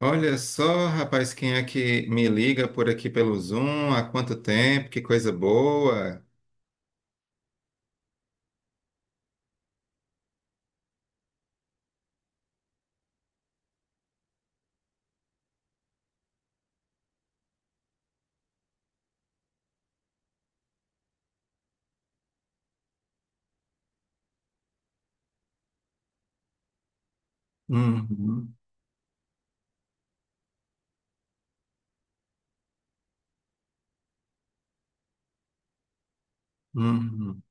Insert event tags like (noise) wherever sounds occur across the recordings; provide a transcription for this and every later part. Olha só, rapaz, quem é que me liga por aqui pelo Zoom? Há quanto tempo? Que coisa boa! Uhum, uhum.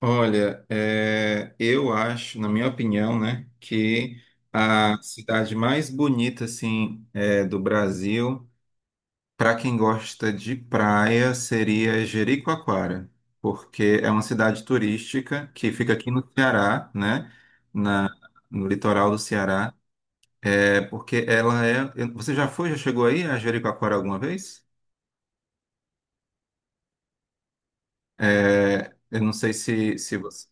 Olha, eu acho, na minha opinião, né, que a cidade mais bonita, assim, do Brasil, para quem gosta de praia, seria Jericoacoara, porque é uma cidade turística que fica aqui no Ceará, né, na, no litoral do Ceará. É porque ela é. Você já foi, já chegou aí a Jericoacoara alguma vez? É, eu não sei se você.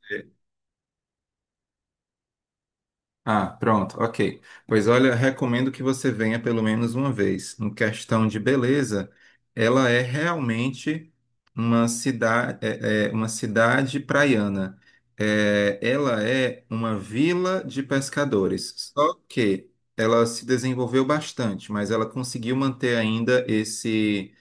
Ah, pronto, ok. Pois olha, recomendo que você venha pelo menos uma vez. Em questão de beleza, ela é realmente uma cidade, é uma cidade praiana. É, ela é uma vila de pescadores. Só que ela se desenvolveu bastante, mas ela conseguiu manter ainda esse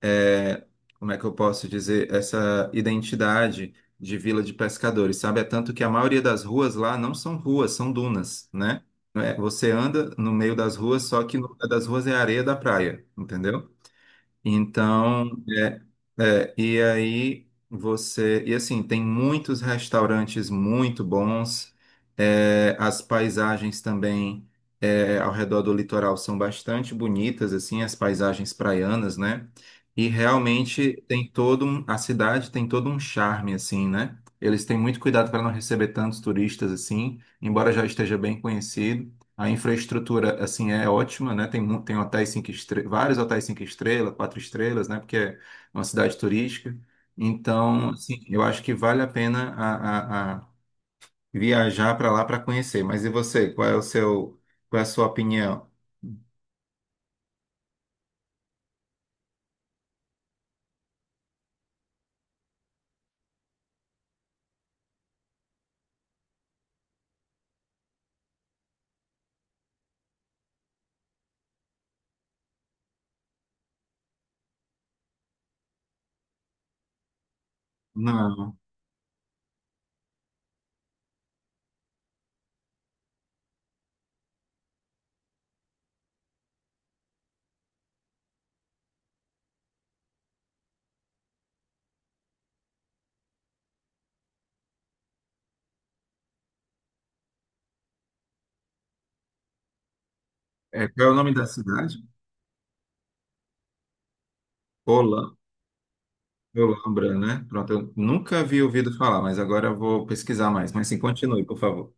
é, como é que eu posso dizer, essa identidade de vila de pescadores, sabe? É tanto que a maioria das ruas lá não são ruas, são dunas, né? Você anda no meio das ruas, só que no meio das ruas é areia da praia, entendeu? Então, e aí você. E assim, tem muitos restaurantes muito bons, as paisagens também ao redor do litoral são bastante bonitas, assim, as paisagens praianas, né? E realmente tem todo um, a cidade tem todo um charme, assim, né? Eles têm muito cuidado para não receber tantos turistas assim, embora já esteja bem conhecido. A infraestrutura, assim, é ótima, né? Tem, tem hotéis cinco estrelas, vários hotéis cinco estrelas, quatro estrelas, né? Porque é uma cidade turística. Então, assim, eu acho que vale a pena a viajar para lá para conhecer. Mas e você? Qual é o seu, qual é a sua opinião? Não. É, qual é o nome da cidade? Olam- Olambra, né? Pronto, eu nunca havia ouvido falar, mas agora eu vou pesquisar mais. Mas sim, continue, por favor.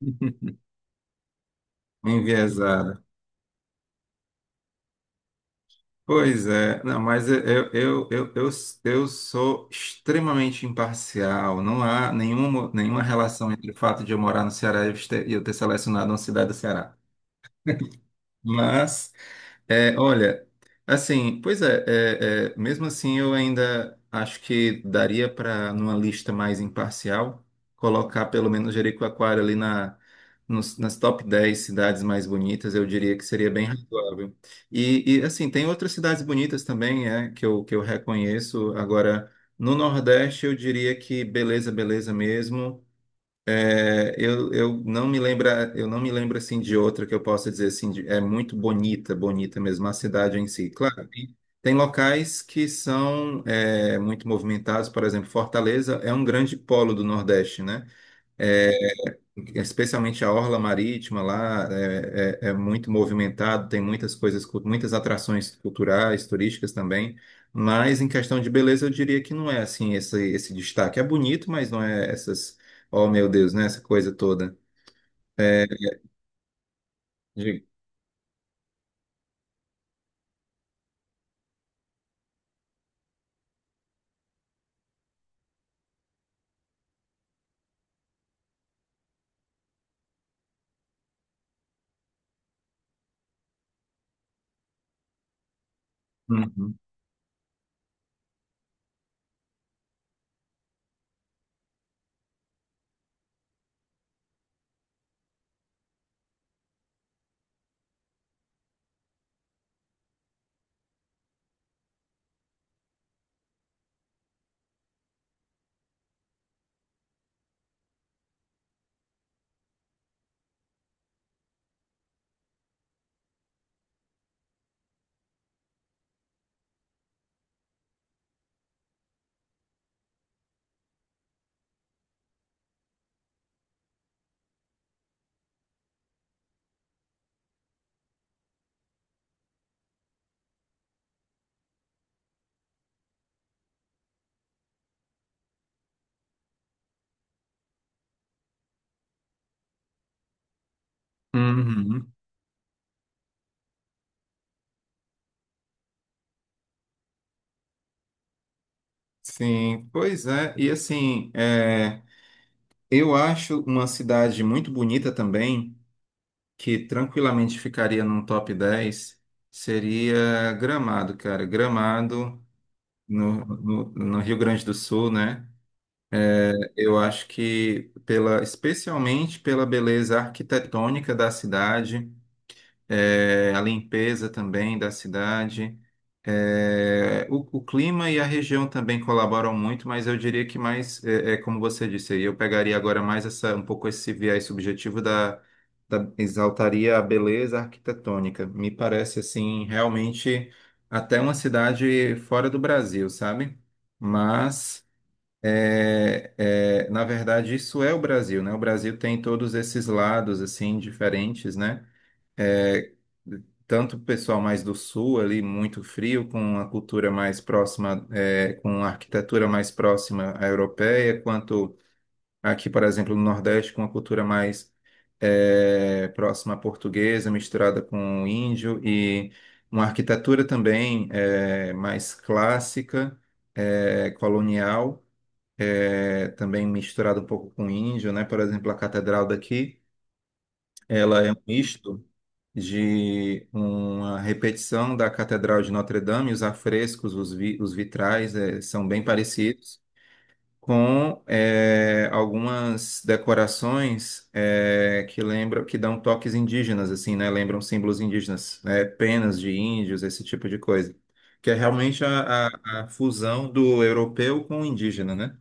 (laughs) Enviesada. Pois é, não, mas eu sou extremamente imparcial. Não há nenhuma, nenhuma relação entre o fato de eu morar no Ceará e eu ter selecionado uma cidade do Ceará. Mas é, olha, assim, pois é, mesmo assim eu ainda acho que daria para, numa lista mais imparcial, colocar pelo menos Jericoacoara ali nas top 10 cidades mais bonitas, eu diria que seria bem razoável. E, assim, tem outras cidades bonitas também, é, que eu reconheço. Agora, no Nordeste eu diria que beleza, beleza mesmo. Eu não me lembro, eu não me lembro assim de outra que eu possa dizer assim, é muito bonita, bonita mesmo a cidade em si. Claro, tem, tem locais que são muito movimentados, por exemplo, Fortaleza é um grande polo do Nordeste, né? É, especialmente a orla marítima lá é muito movimentado, tem muitas coisas, muitas atrações culturais, turísticas também. Mas em questão de beleza, eu diria que não é assim esse, esse destaque. É bonito, mas não é essas Oh, meu Deus, né? Essa coisa toda. É, de- Uhum, uhum. Sim, pois é. E assim, eu acho uma cidade muito bonita também, que tranquilamente ficaria num top 10 seria Gramado, cara. Gramado, no Rio Grande do Sul, né? Eu acho que pela, especialmente pela beleza arquitetônica da cidade, a limpeza também da cidade. O clima e a região também colaboram muito, mas eu diria que mais, é como você disse, aí eu pegaria agora mais essa, um pouco esse viés subjetivo exaltaria a beleza arquitetônica. Me parece, assim, realmente até uma cidade fora do Brasil, sabe? Mas... É, é, na verdade, isso é o Brasil, né? O Brasil tem todos esses lados assim diferentes, né? É, tanto o pessoal mais do sul ali, muito frio, com a cultura mais próxima, é, com a arquitetura mais próxima à europeia, quanto aqui, por exemplo, no Nordeste, com a cultura mais próxima à portuguesa, misturada com o índio, e uma arquitetura também mais clássica, colonial, também misturada um pouco com o índio, né? Por exemplo, a catedral daqui, ela é um misto de uma repetição da Catedral de Notre-Dame, os afrescos, os vitrais são bem parecidos, com algumas decorações que lembram, que dão toques indígenas, assim, né? Lembram símbolos indígenas, né? Penas de índios, esse tipo de coisa. Que é realmente a fusão do europeu com o indígena, né?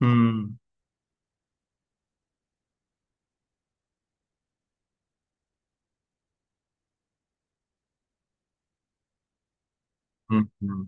Hum, hum, hum.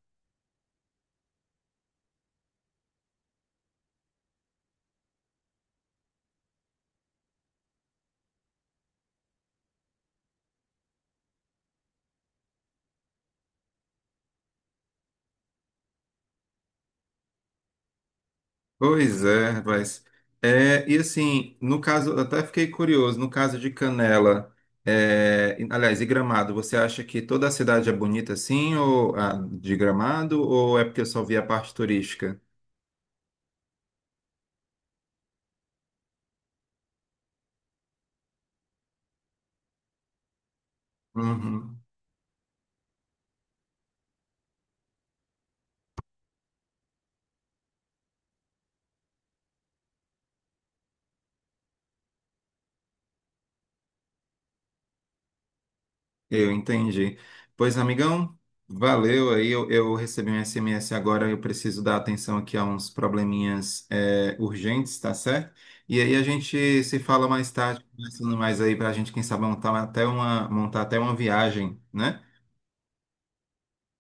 Pois é, rapaz. É, e assim, no caso, eu até fiquei curioso, no caso de Canela, é, aliás, e Gramado, você acha que toda a cidade é bonita assim, ou ah, de Gramado, ou é porque eu só vi a parte turística? Uhum. Eu entendi. Pois, amigão, valeu aí. Eu recebi um SMS agora, eu preciso dar atenção aqui a uns probleminhas é, urgentes, tá certo? E aí a gente se fala mais tarde, conversando mais aí pra gente, quem sabe, montar até uma viagem, né?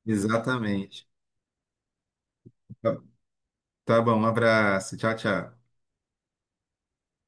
Exatamente. Tá tá bom, um abraço. Tchau, tchau.